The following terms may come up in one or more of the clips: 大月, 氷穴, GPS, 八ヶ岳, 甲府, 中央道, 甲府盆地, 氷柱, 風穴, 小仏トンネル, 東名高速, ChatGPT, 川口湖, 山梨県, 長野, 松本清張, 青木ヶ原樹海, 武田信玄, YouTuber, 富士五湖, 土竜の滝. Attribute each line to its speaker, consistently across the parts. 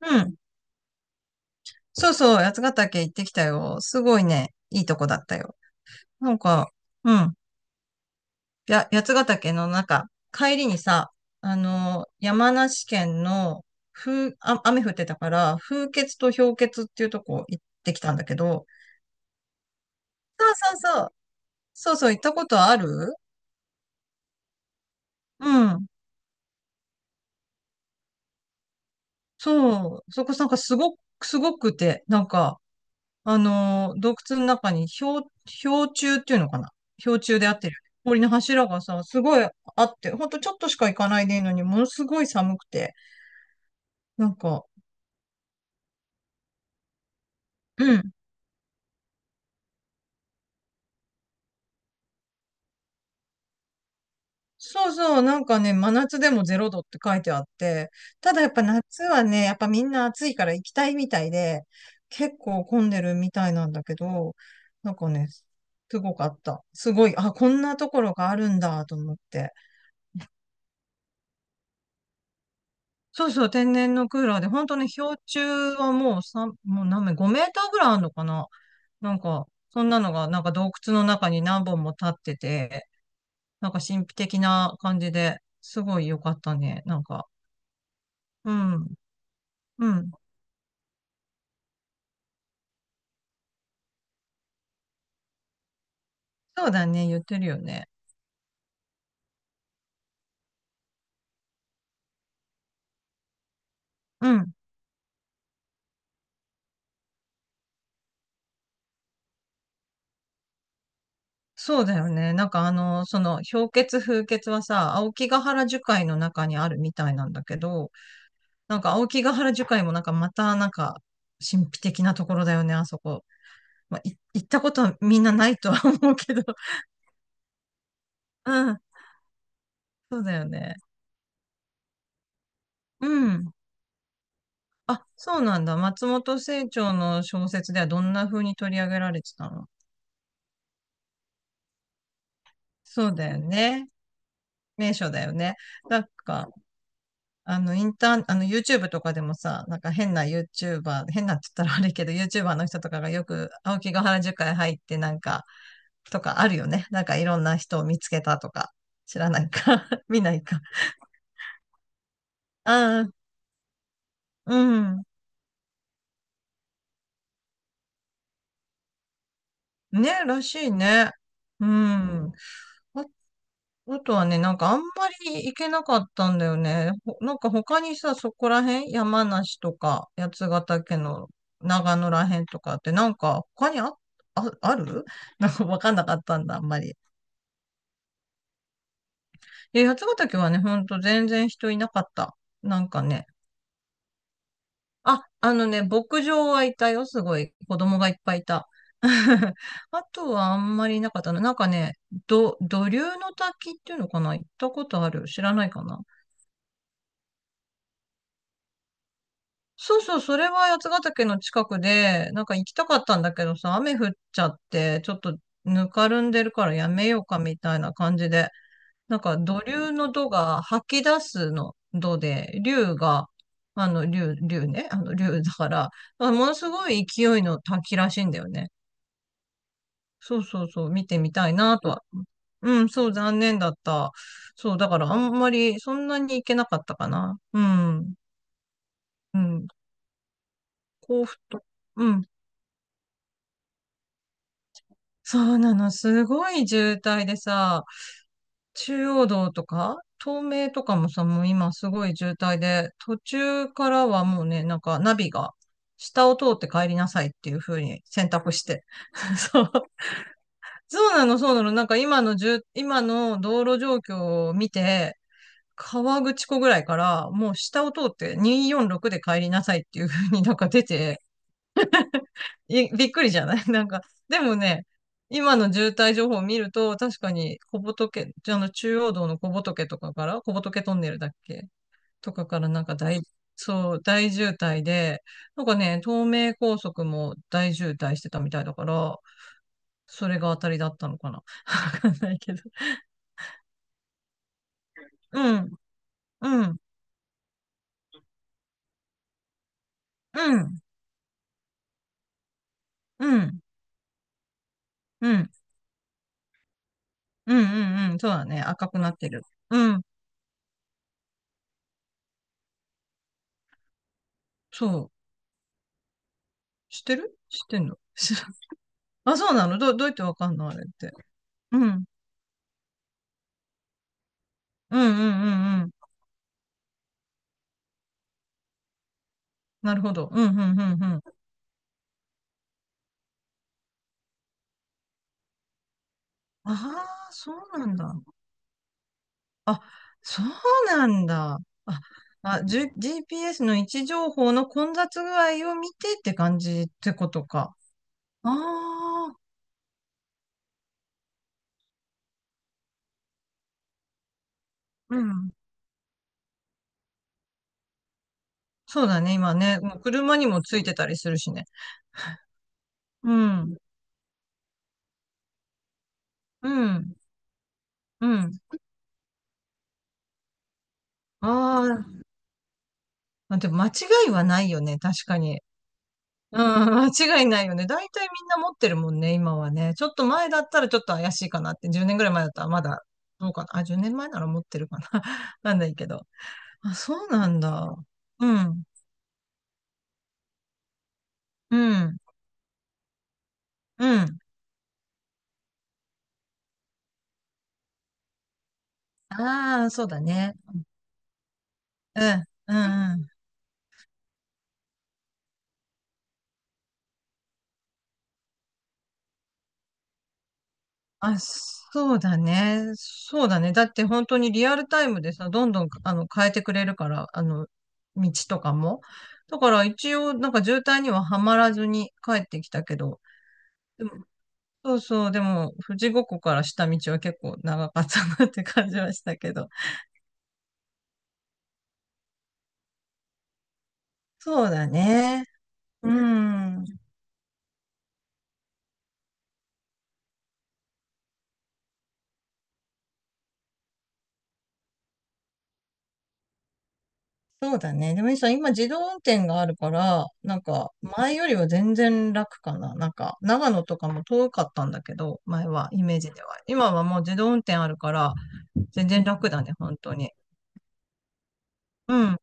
Speaker 1: うん。そうそう、八ヶ岳行ってきたよ。すごいね、いいとこだったよ。なんか、うん。八ヶ岳の中、帰りにさ、山梨県の、雨降ってたから、風穴と氷穴っていうとこ行ってきたんだけど、そうそうそう。そうそう、行ったことある。うん。そう。そこなんかすごく、すごくて、洞窟の中に氷柱っていうのかな。氷柱であってる。氷の柱がさ、すごいあって、ほんとちょっとしか行かないでいいのに、ものすごい寒くて、なんか、うん。そうそう、なんかね、真夏でもゼロ度って書いてあって、ただやっぱ夏はね、やっぱみんな暑いから行きたいみたいで、結構混んでるみたいなんだけど、なんかね、すごかった。すごい、あ、こんなところがあるんだと思って。そうそう、天然のクーラーで、本当に氷柱はもう3、もう何メ、5メーターぐらいあるのかな。なんか、そんなのが、なんか洞窟の中に何本も立ってて、なんか神秘的な感じで、すごい良かったね。うん、うん。そうだね、言ってるよね。うん、そうだよね。氷結風結はさ、青木ヶ原樹海の中にあるみたいなんだけど、なんか青木ヶ原樹海もなんかまた、神秘的なところだよね、あそこ。まあ、行ったことはみんなないとは 思うけど。うん、そうだよね。うん。あ、そうなんだ。松本清張の小説ではどんな風に取り上げられてたの？そうだよね。名所だよね。なんか、あの、インターン、あの、YouTube とかでもさ、なんか変な YouTuber、変なって言ったら悪いけど、YouTuber の人とかがよく、青木ヶ原樹海入ってとかあるよね。なんかいろんな人を見つけたとか、知らないか。見ないか。ああ、うん。ね、らしいね。うん。ん。あ、あとはね、なんかあんまり行けなかったんだよね。なんか他にさ、そこら辺、山梨とか、八ヶ岳の長野ら辺とかって、なんか他にある なんかわかんなかったんだ、あんまり。で、八ヶ岳はね、ほんと全然人いなかった。なんかね、あのね、牧場はいたよ、すごい。子供がいっぱいいた。あとはあんまりいなかったな。なんかね、土竜の滝っていうのかな。行ったことある？知らないかな。そうそう、それは八ヶ岳の近くで、なんか行きたかったんだけどさ、雨降っちゃって、ちょっとぬかるんでるからやめようかみたいな感じで、なんか土竜の土が吐き出すの土で、竜が、あの、竜、竜ね、あの、竜だから、ものすごい勢いの滝らしいんだよね。そうそう、見てみたいなとは。うん、そう、残念だった。そう、だからあんまりそんなに行けなかったかな。うん、うん、甲府と。うん、そうなの、すごい渋滞でさ、中央道とか、東名とかもさ、もう今すごい渋滞で、途中からはもうね、なんかナビが、下を通って帰りなさいっていう風に選択して。そう、そうなの、そうなの。なんか今の道路状況を見て、川口湖ぐらいから、もう下を通って246で帰りなさいっていう風に なんか出て、いびっくりじゃない？ なんか、でもね、今の渋滞情報を見ると、確かに小仏、あの中央道の小仏とかから、小仏トンネルだっけ、とかからなんか大、そう、大渋滞で、なんかね、東名高速も大渋滞してたみたいだから、それが当たりだったのかな。わかんないけど。うん、うん、うん、うん、うん。うんうそうだね。赤くなってる。うん。そう。知ってる？知ってんの？知らん。あ、そうなの？ど、どうやってわかんのあれって。うん。うんうんうんうん。なるほど。うんうんうんうん。ああ、そうなんだ。あ、そうなんだ。あ、あ、 GPS の位置情報の混雑具合を見てって感じってことか。ああ、うん。そうだね。今ね。もう車にもついてたりするしね。うん。うん。うん。ああ、あ、でも間違いはないよね、確かに。うん、間違いないよね。大体みんな持ってるもんね、今はね。ちょっと前だったらちょっと怪しいかなって、10年ぐらい前だったらまだ、どうかな。あ、10年前なら持ってるかな。なんないけど。あ、そうなんだ。うん、うん、うん。ああ、そうだね。うん、うん、うん。あ、そうだね。そうだね。だって本当にリアルタイムでさ、どんどんあの変えてくれるから、あの、道とかも。だから一応、なんか渋滞にははまらずに帰ってきたけど、でも、そうそう、でも、富士五湖から下道は結構長かったなって感じはしたけど。そうだね。うん。そうだね。でもいいさ、今自動運転があるから、なんか前よりは全然楽かな。なんか長野とかも遠かったんだけど、前はイメージでは。今はもう自動運転あるから、全然楽だね、本当に。うん。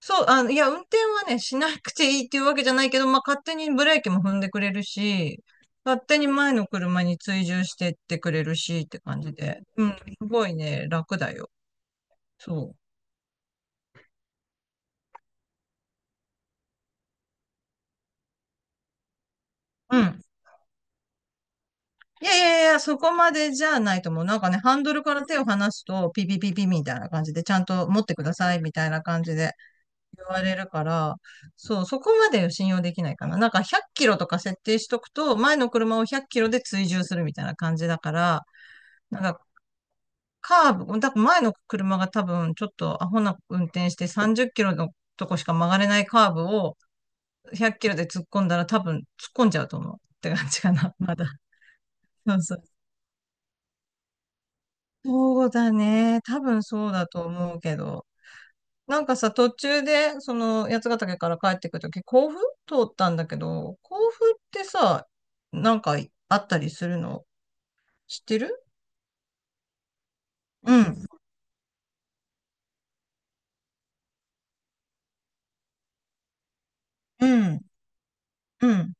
Speaker 1: いや、運転はね、しなくていいっていうわけじゃないけど、まあ、勝手にブレーキも踏んでくれるし、勝手に前の車に追従してってくれるしって感じで。うん、すごいね、楽だよ。そう。うん。いやいやいや、そこまでじゃないと思う。なんかね、ハンドルから手を離すと、ピピピピみたいな感じで、ちゃんと持ってくださいみたいな感じで言われるから、そう、そこまで信用できないかな。なんか100キロとか設定しとくと、前の車を100キロで追従するみたいな感じだから、なんかカーブ、だから前の車が多分ちょっとアホな運転して30キロのとこしか曲がれないカーブを100キロで突っ込んだら多分突っ込んじゃうと思うって感じかな、まだ。そうそう。そうだね。多分そうだと思うけど。なんかさ、途中で、その、八ヶ岳から帰ってくるとき、甲府通ったんだけど、甲府ってさ、なんかあったりするの？知ってる？うん、うん、うん、うん、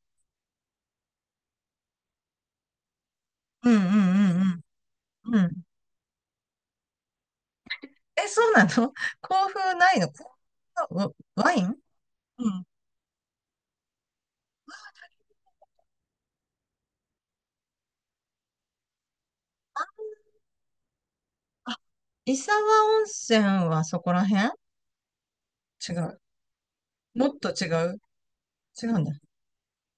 Speaker 1: うん、うん、うん。うん。え、そうなの？ 甲府ないの？甲府のワイン?うん。あ、伊沢温泉はそこら辺？違う？もっと違う？違うんだ。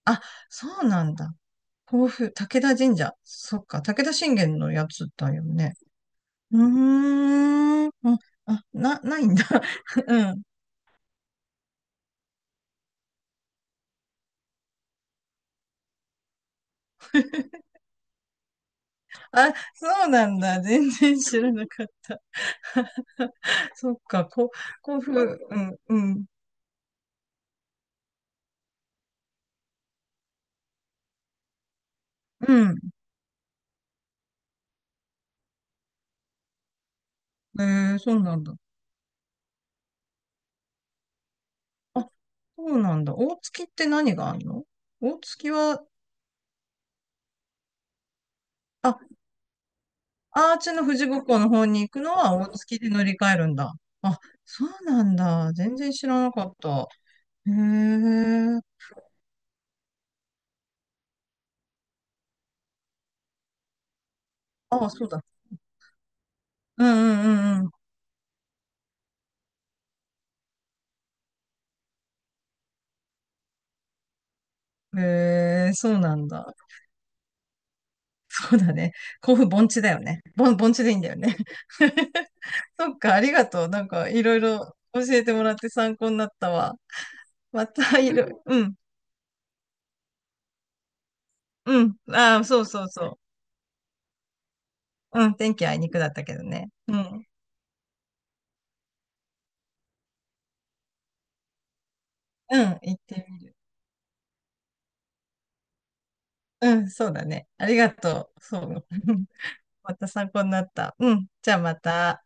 Speaker 1: あ、そうなんだ。甲府、武田神社。そっか、武田信玄のやつだよね。うーん。ないんだ。うん。あ、そうなんだ。全然知らなかった。そっか、甲府、うん、うん、うん。えー、そうなんだ。あ、そうなんだ。大月って何があるの？大月は、あ、アーチの富士五湖の方に行くのは大月で乗り換えるんだ。あ、そうなんだ。全然知らなかった。へえ。あ、そうだ。うんうんうんうん。へえ、そうなんだ。そうだね。甲府盆地だよね。盆地でいいんだよね。そっか、ありがとう。なんか、いろいろ教えてもらって参考になったわ。また、いろ、うん、うん。ああ、そうそうそう。うん、天気あいにくだったけどね。うん、うん、行ってみ。うん、そうだね。ありがとう。そう。また参考になった。うん、じゃあまた。